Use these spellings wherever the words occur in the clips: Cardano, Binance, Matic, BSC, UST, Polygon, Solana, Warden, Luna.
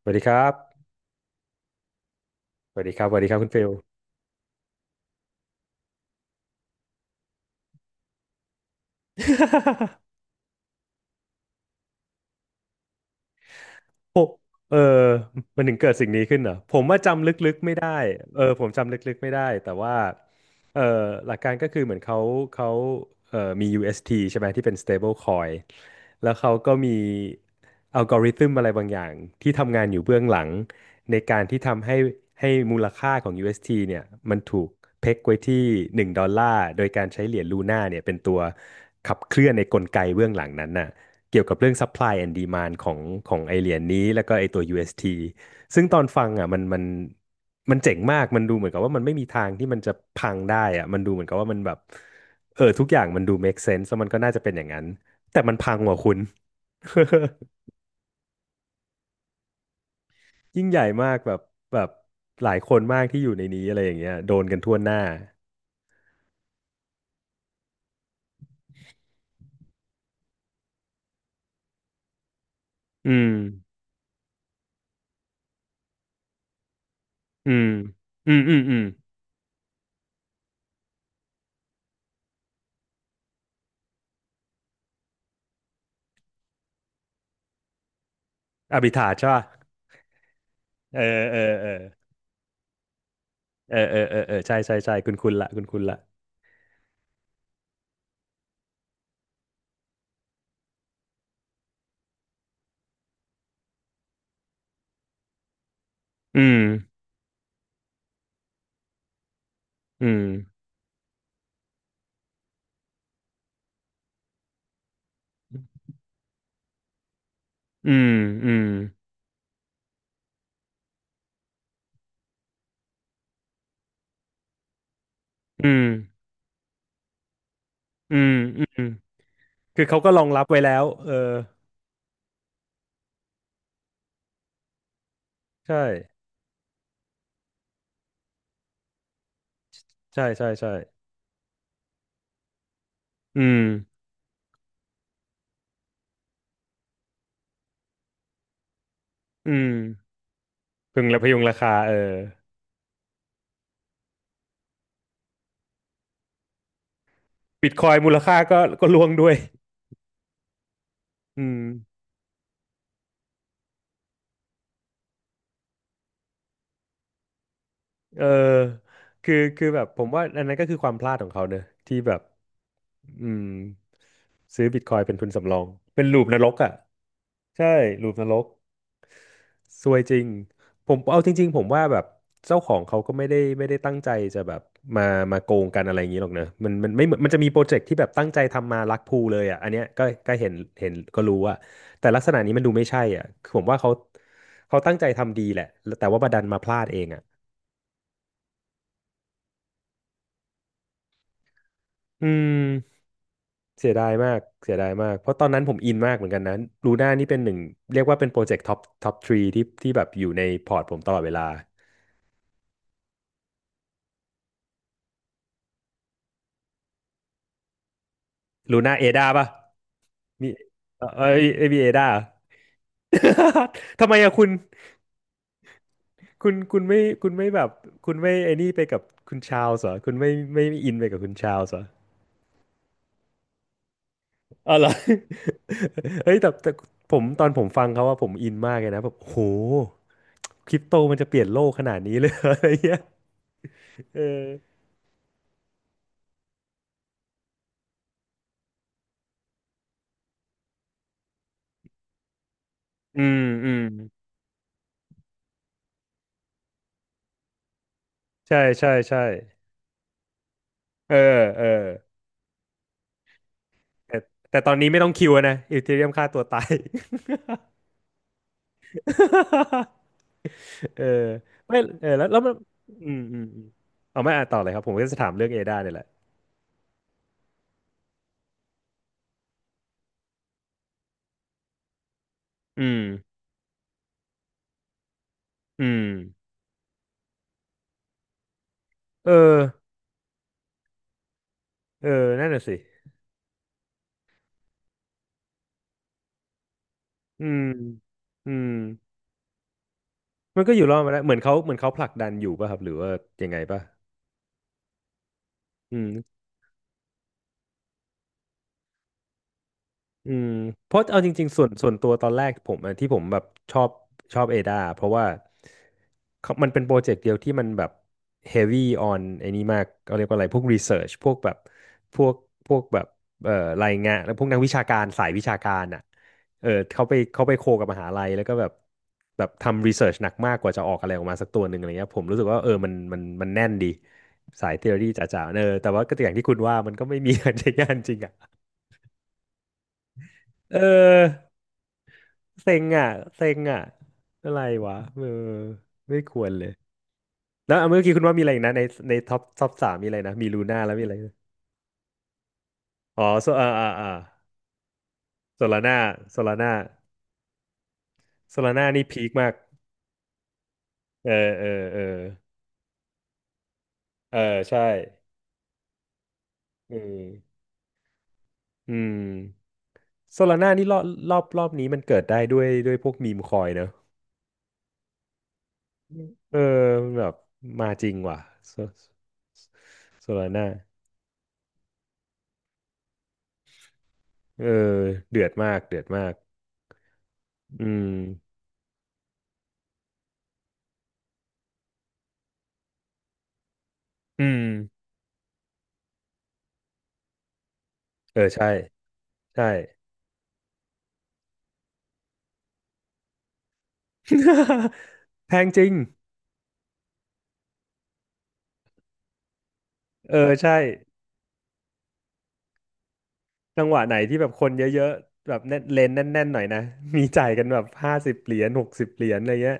สวัสดีครับสวัสดีครับสวัสดีครับคุณฟิล ผมเออมันถึงเกิดสิ่งนี้ขึ้นเหรอผมว่าจำลึกๆไม่ได้ผมจำลึกๆไม่ได้ แต่ว่าเออหลักการก็คือเหมือนเขามี UST ใช่ไหมที่เป็น stable coin แล้วเขาก็มีอัลกอริทึมอะไรบางอย่างที่ทำงานอยู่เบื้องหลังในการที่ทำให้มูลค่าของ UST เอสทีเนี่ยมันถูกเพ็กไว้ที่1ดอลลาร์โดยการใช้เหรียญลูน่าเนี่ยเป็นตัวขับเคลื่อนในกลไกเบื้องหลังนั้นน่ะ เกี่ยวกับเรื่อง supply and demand ของไอเหรียญนี้แล้วก็ไอตัว UST ซึ่งตอนฟังอ่ะมันเจ๋งมากมันดูเหมือนกับว่ามันไม่มีทางที่มันจะพังได้อ่ะมันดูเหมือนกับว่ามันแบบทุกอย่างมันดู make sense แล้วมันก็น่าจะเป็นอย่างนั้นแต่มันพังว่ะคุณ ยิ่งใหญ่มากแบบหลายคนมากที่อยู่ในนี้อะไรอย่างเงี้ยโดนกันทั่วหน้าอืมอืมอืมอืมอืมอภิธาใช่ป่ะเออเออเออเออเออเออเออใช่ใช่ใช่คุณละคุณละอืม อืม อืม อืม อืม อืม อืม คือเขาก็รองรับไว้แล้วเออใช่ใช่ใช่ ใช่ อืม อืมพึงและพยุงราคาเออบิตคอยนมูลค่าก็ร่วงด้วยอืมเออคือแบบผมว่าอันนั้นก็คือความพลาดของเขาเนอะที่แบบอืมซื้อบิตคอยน์เป็นทุนสำรอง เป็นลูปนรกอ่ะใช่ลูปนรก ซวยจริงผมเอาจริงๆผมว่าแบบเจ้าของเขาก็ไม่ได้ตั้งใจจะแบบมามาโกงกันอะไรอย่างนี้หรอกเนอะมันไม่เหมือนมันจะมีโปรเจกต์ที่แบบตั้งใจทำมารักพูเลยอ่ะอันเนี้ยก็เห็นก็รู้อ่ะแต่ลักษณะนี้มันดูไม่ใช่อ่ะคือผมว่าเขาตั้งใจทำดีแหละแต่ว่าบัดันมาพลาดเองอ่ะอืมเสียดายมากเสียดายมากเพราะตอนนั้นผมอินมากเหมือนกันนะลูน่านี่เป็นหนึ่งเรียกว่าเป็นโปรเจกต์ท็อปทรีที่แบบอยู่ในพอร์ตผมตลอดเวลาลูน่าเอดาป่ะ มีเออเอบีเอด้า ทำไมอะคุณคุณไม่แบบคุณไม่ไอ้นี่ไปกับคุณชาวส์เหรอคุณไม่อินไปกับคุณชาวส์เหรออ๋อเหรอ เฮ้ยแต่ผมตอนผมฟังเขาว่าผมอินมากเลยนะแบบโหคริปโตมันจะเปลี่ยนโลกขนาดนี้เลย เหรออะไรเงี้ยเอออืมอืมใช่ใช่ใช่เออเออแต่แต่ตอนนี้ไม่ต้องคิวอะนะอีเธเรียมฆ่าตัวตาย เออไม่แล้วมันอืมอืมอืมเอาไม่อ่านต่อเลยครับผมก็จะถามเรื่องเอด้าเนี่ยแหละอืมอืมเออเออนั่นน่ะสิอืมอืมมันก็อยู่รอดมาได้เหมือนเขาผลักดันอยู่ป่ะครับหรือว่ายังไงป่ะอืม อืมเพราะเอาจริงๆส่วนตัวตอนแรกผมอะที่ผมแบบชอบชอบเอดาเพราะว่าเขามันเป็นโปรเจกต์เดียวที่มันแบบ heavy on ไอ้นี้มากเขาเรียกว่าอะไรพวก research พวกแบบพวกพวกแบบเอ่อรายงานแล้วพวกนักวิชาการสายวิชาการอ่ะเออเขาไปโคกับมหาลัยแล้วก็แบบทำ research หนักมากกว่าจะออกอะไรออกมาสักตัวหนึ่งอะไรเงี้ยผมรู้สึกว่าเออมันแน่นดีสาย theory จ๋าๆเออแต่ว่าก็อย่างที่คุณว่ามันก็ไม่มี ใช้งานจริงอ่ะเออ เซ็งอ่ะเซ็งอ่ะอะไรวะเออไม่ควรเลยแล้วอ่ะเมื่อกี้คุณว่ามีอะไรอีกนะในท็อปสามมีอะไรนะมีลูน่าแล้วมีอะไรนะอ๋อโซอ่าอ่าอ่าโซลาน่าโซลาน่าโซลาน่านี่พีคมากเออเออเออเออใช่อืมอืมโซลาน่านี่รอบนี้มันเกิดได้ด้วยพวกมีมคอยเนอะเออมันแบบมาจริงว่ะโซโซลาน่าเออเดือดมากเดือดมากอืมอืม เออใช่ใช่ แพงจริงเออใช่จังหวะไหนที่แบบคนเยอะๆแบบแน่นเลนแน่นๆหน่อยนะมีจ่ายกันแบบ50 เหรียญ60 เหรียญอะไรเงี้ย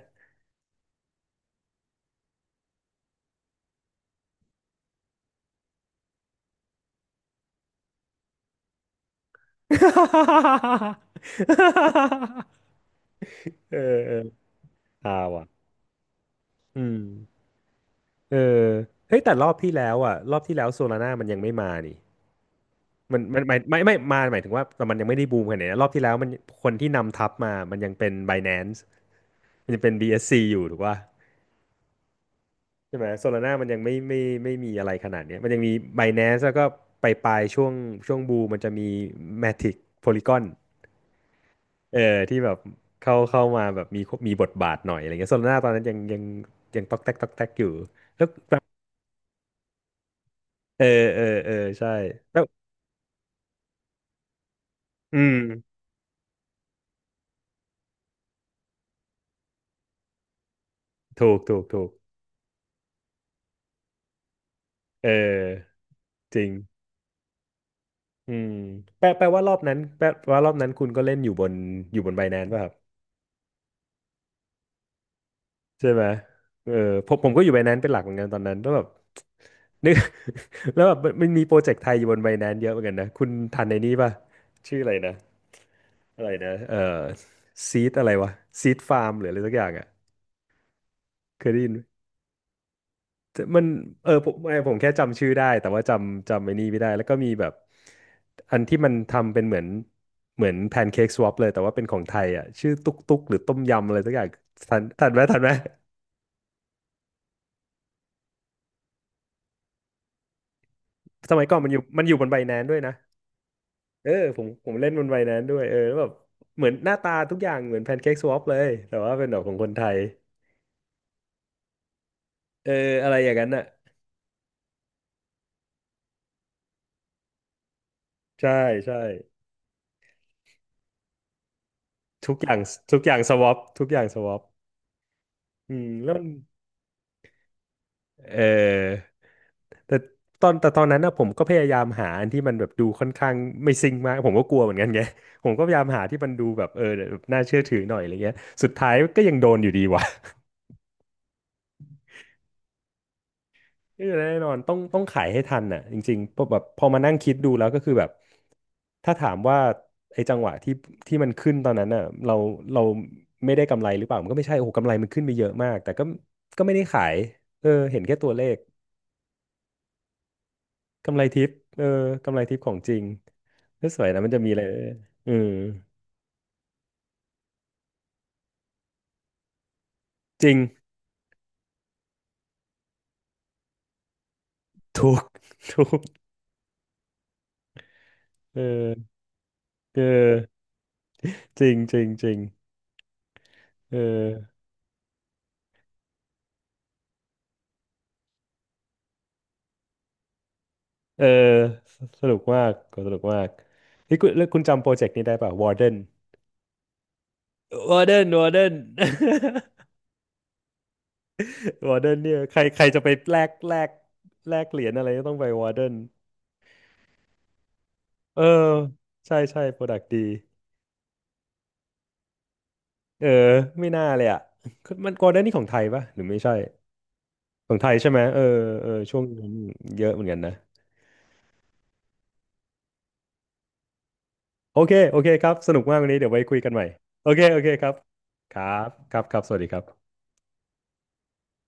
เออเออฮาว่ะอืมเออเฮ้ยแต่รอบที่แล้วอ่ะรอบที่แล้วโซลาร่ามันยังไม่มานี่มันหมายไม่มาหมายถึงว่าแต่มันยังไม่ได้บูมขนาดนี้นะรอบที่แล้วมันคนที่นำทัพมามันยังเป็น Binance มันยังเป็น BSC อสซีอยู่ถูกป่ะ ใช่ไหมโซลาร่ามันยังไม่มีอะไรขนาดเนี้ยมันยังมี Binance แล้วก็ไปปลายๆช่วงช่วงบูมมันจะมี Matic Polygon เออที่แบบเข้ามาแบบมีบทบาทหน่อยอะไรเงี้ยโซลาร่าตอนนั้นยังตอกแตกตอกแตกอยู่แล้วเออเออเออใช่แล้วอืมถูกถูกถูกเออจริงอืมแปลว่ารอบนั้นคุณก็เล่นอยู่บนอยู่บน Binance ป่ะครับ ใช่ไหมเออผมก็อยู่ไบแนนซ์เป็นหลักเหมือนกันตอนนั้นแล้วแบบ นึก แล้วแบบมันมีโปรเจกต์ไทยอยู่บนไบแนนซ์เยอะเหมือนกันนะคุณทันในนี้ป่ะชื่ออะไรนะอะไรนะเออซีดอะไรวะซีดฟาร์มหรืออะไรสักอย่างอ่ะเคยได้ยินไหมมันเออผมไม่ผมแค่จำชื่อได้แต่ว่าจำไอ้นี่ไม่ได้แล้วก็มีแบบอันที่มันทำเป็นเหมือนแพนเค้กสวอปเลยแต่ว่าเป็นของไทยอ่ะชื่อตุ๊กตุ๊กหรือต้มยำอะไรสักอย่างทันทันไหมทันไหมสมัยก่อนมันอยู่บนไบแนนด้วยนะ เออผมเล่นบนใบนั้นด้วยเออแล้วแบบเหมือนหน้าตาทุกอย่างเหมือนแพนเค้กสวอปเลยแต่ว่าเป็นแบบของคนไทยเอออะไรอย่างนั้นอ่ะใช่ใช่ทุกอย่างทุกอย่างสวอปทุกอย่างสวอปอืมแล้วมันเออแต่ตอนนั้นนะผมก็พยายามหาอันที่มันแบบดูค่อนข้างไม่ซิงค์มากผมก็กลัวเหมือนกันไง ผมก็พยายามหาที่มันดูแบบเออแบบน่าเชื่อถือหน่อยอะไรเงี้ยสุดท้ายก็ยังโดนอยู่ดีว่ะ เออแน่นอนต้องขายให้ทันน่ะจริงๆพอแบบพอมานั่งคิดดูแล้วก็คือแบบถ้าถามว่าไอ้จังหวะที่มันขึ้นตอนนั้นน่ะเราไม่ได้กำไรหรือเปล่ามันก็ไม่ใช่โอ้โหกำไรมันขึ้นไปเยอะมากแต่ก็ก็ไม่ได้ขายเออเห็นแค่ตัวเลขกำไรทิปเออกำไรทิปของจริงก็สวยนะมันจะมีอะไรเออจริงถูก ถูกเออเออจริงจริงจริงเออ เออสนุกมากก็สนุกมากนี่คุณแล้วคุณจำโปรเจกต์นี้ได้ป่ะวอร์เดนวอร์เดน วอร์เดน เนี่ยใครใครจะไปแลกเหรียญอะไรก็ต้องไปวอร์เดนเออใช่ใช่โปรดักต์ดีเออไม่น่าเลยอ่ะมันวอร์เดนนี่ของไทยป่ะหรือไม่ใช่ของไทยใช่ไหมเออเออช่วงนั้นเยอะเหมือนกันนะโอเคโอเคครับสนุกมากวันนี้เดี๋ยวไว้คุยกันใหม่โอเคโอเคครับครับครับครับสวัสดีครับ